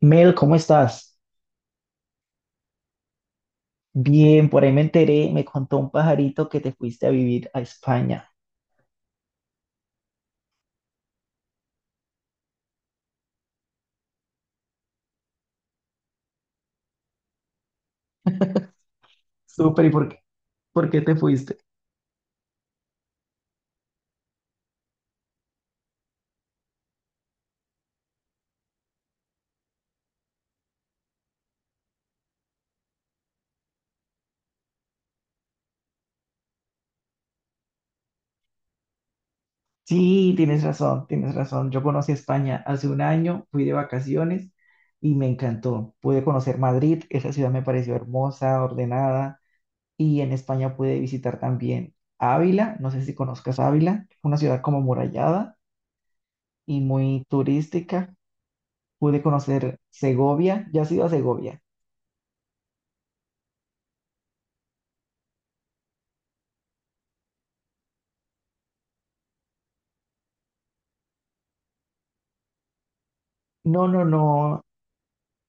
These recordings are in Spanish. Mel, ¿cómo estás? Bien, por ahí me enteré, me contó un pajarito que te fuiste a vivir a España. Súper, ¿y por qué? ¿Por qué te fuiste? Sí, tienes razón, tienes razón. Yo conocí España hace 1 año, fui de vacaciones y me encantó. Pude conocer Madrid, esa ciudad me pareció hermosa, ordenada, y en España pude visitar también Ávila, no sé si conozcas Ávila, una ciudad como amurallada y muy turística. Pude conocer Segovia, ¿ya has ido a Segovia? No, no, no.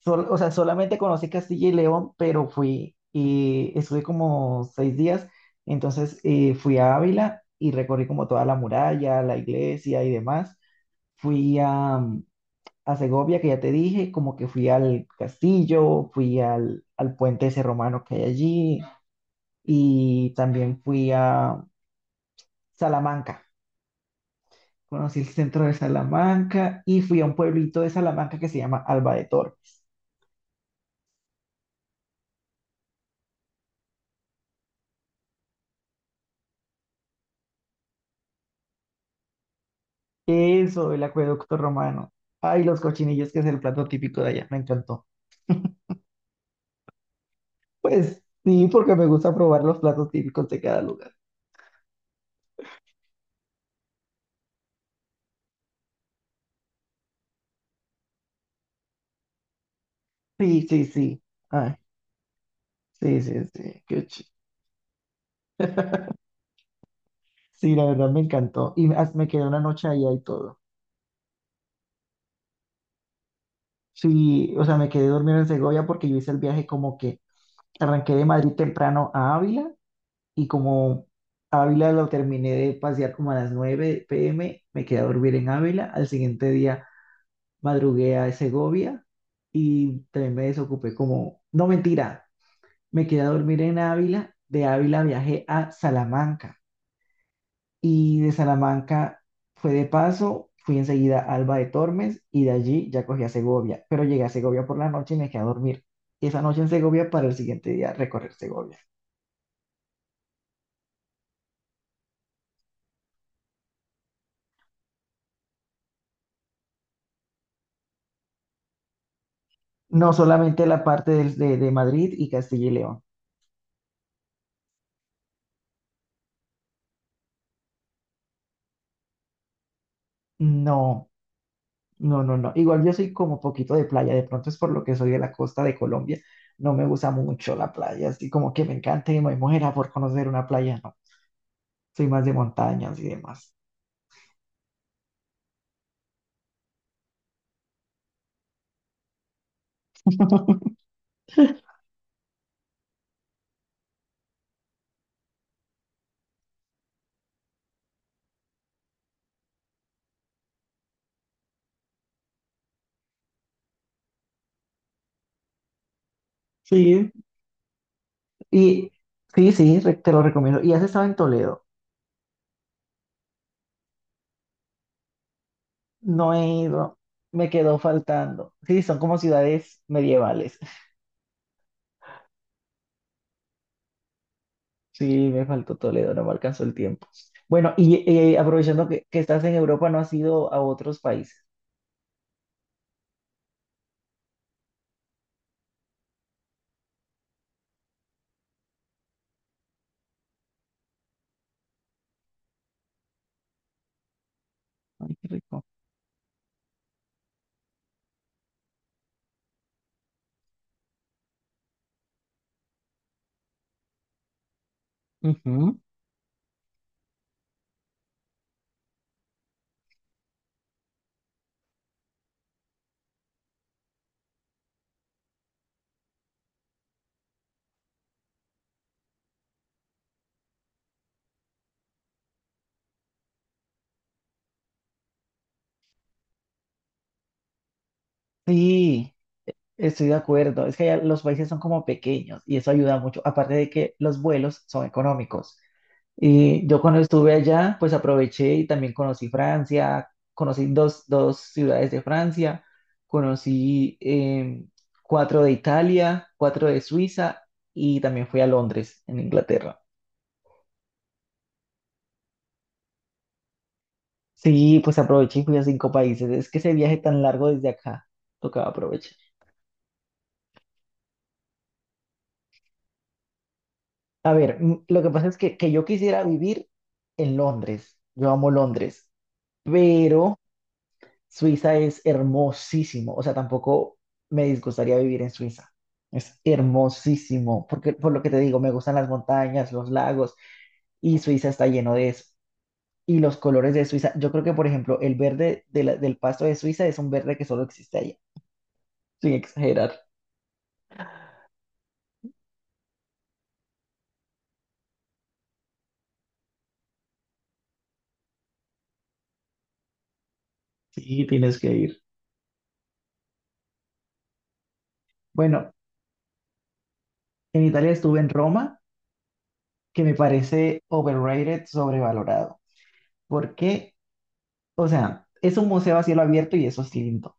O sea, solamente conocí Castilla y León, pero fui y estuve como 6 días. Entonces fui a Ávila y recorrí como toda la muralla, la iglesia y demás. Fui a, mm, a Segovia, que ya te dije, como que fui al castillo, fui al puente ese romano que hay allí y también fui a Salamanca. Conocí el centro de Salamanca y fui a un pueblito de Salamanca que se llama Alba de Tor. Eso, el acueducto romano. Ay, los cochinillos, que es el plato típico de allá. Me encantó. Pues sí, porque me gusta probar los platos típicos de cada lugar. Sí, sí, sí. Ay, sí, sí, sí. Qué chido. Sí, la verdad me encantó. Y me quedé una noche allá y todo. Sí, o sea, me quedé dormido en Segovia porque yo hice el viaje como que arranqué de Madrid temprano a Ávila y como Ávila lo terminé de pasear como a las 9 p.m., me quedé a dormir en Ávila. Al siguiente día madrugué a Segovia y también me desocupé como, no mentira, me quedé a dormir en Ávila, de Ávila viajé a Salamanca y de Salamanca fue de paso, fui enseguida a Alba de Tormes y de allí ya cogí a Segovia, pero llegué a Segovia por la noche y me quedé a dormir. Esa noche en Segovia para el siguiente día recorrer Segovia. No solamente la parte de Madrid y Castilla y León. No, no, no, no. Igual yo soy como poquito de playa. De pronto es por lo que soy de la costa de Colombia. No me gusta mucho la playa. Así como que me encanta y me muera por conocer una playa. No, soy más de montañas y demás. Sí, y sí, sí, te lo recomiendo. Y has estado en Toledo. No he ido. Me quedó faltando. Sí, son como ciudades medievales. Sí, me faltó Toledo. No me alcanzó el tiempo. Bueno, y aprovechando que estás en Europa, ¿no has ido a otros países? Ay, qué rico. Ujú. Sí. Estoy de acuerdo, es que allá los países son como pequeños y eso ayuda mucho, aparte de que los vuelos son económicos. Y yo cuando estuve allá, pues aproveché y también conocí Francia, conocí dos ciudades de Francia, conocí 4 de Italia, 4 de Suiza y también fui a Londres, en Inglaterra. Sí, pues aproveché y fui a 5 países. Es que ese viaje tan largo desde acá, tocaba aprovechar. Lo que pasa es que yo quisiera vivir en Londres. Yo amo Londres, pero Suiza es hermosísimo. O sea, tampoco me disgustaría vivir en Suiza. Es hermosísimo, porque por lo que te digo, me gustan las montañas, los lagos, y Suiza está lleno de eso. Y los colores de Suiza, yo creo que, por ejemplo, el verde de del pasto de Suiza es un verde que solo existe allá, sin exagerar. Sí, tienes que ir. Bueno, en Italia estuve en Roma, que me parece overrated, sobrevalorado. Porque, o sea, es un museo a cielo abierto y eso es lindo,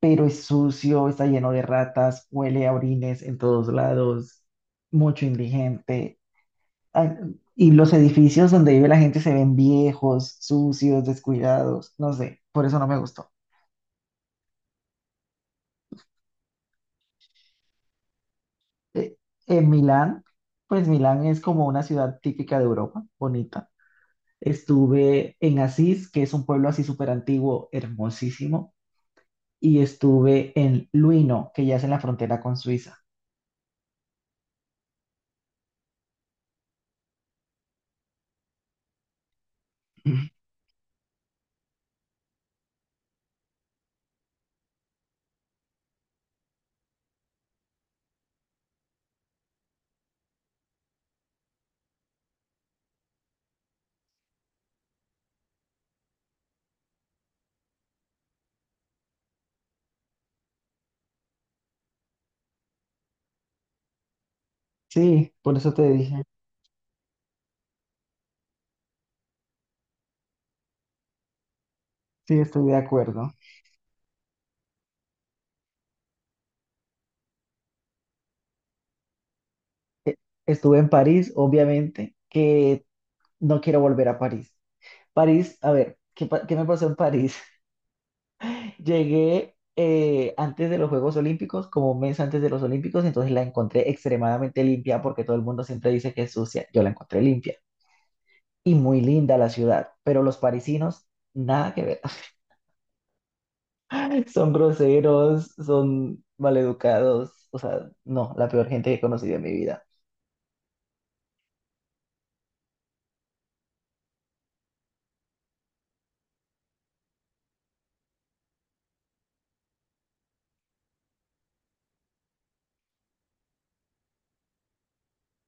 pero es sucio, está lleno de ratas, huele a orines en todos lados, mucho indigente. ah, Y los edificios donde vive la gente se ven viejos, sucios, descuidados, no sé, por eso no me gustó. Eh, En Milán, pues Milán es como una ciudad típica de Europa, bonita. Estuve en Asís, que es un pueblo así súper antiguo, hermosísimo, y estuve en Luino, que ya es en la frontera con Suiza. Sí, por eso te dije. Sí, estoy de acuerdo. E- Estuve en París, obviamente, que no quiero volver a París. París, a ver, ¿qué me pasó en París? Llegué antes de los Juegos Olímpicos, como 1 mes antes de los Olímpicos, entonces la encontré extremadamente limpia porque todo el mundo siempre dice que es sucia. Yo la encontré limpia y muy linda la ciudad, pero los parisinos, nada que ver. Son groseros, son maleducados, o sea, no, la peor gente que he conocido en mi vida.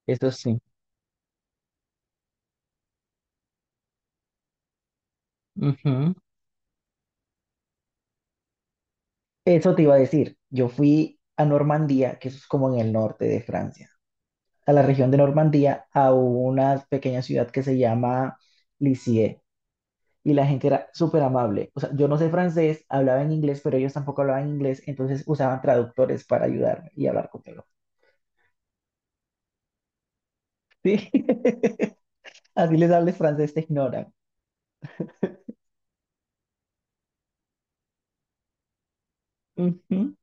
Eso sí. Ujú. Eso te iba a decir. Yo fui a Normandía, que eso es como en el norte de Francia, a la región de Normandía, a una pequeña ciudad que se llama Lisieux. Y la gente era súper amable. O sea, yo no sé francés, hablaba en inglés, pero ellos tampoco hablaban inglés, entonces usaban traductores para ayudarme y hablar conmigo. Sí. Así les hables francés, te ignoran. Ujú.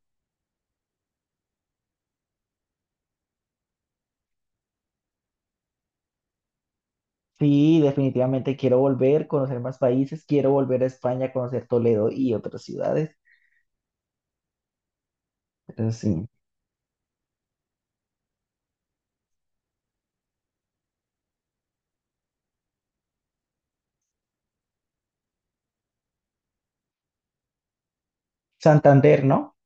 Sí, definitivamente quiero volver, conocer más países, quiero volver a España, conocer Toledo y otras ciudades. Pero sí. Santander, ¿no?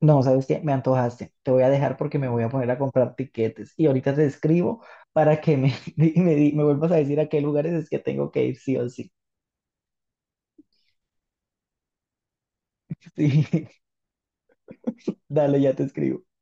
No, ¿sabes qué? Me antojaste. Te voy a dejar porque me voy a poner a comprar tiquetes. Y ahorita te escribo para que me, me vuelvas a decir a qué lugares es que tengo que ir sí o sí. Sí, dale, ya te escribo.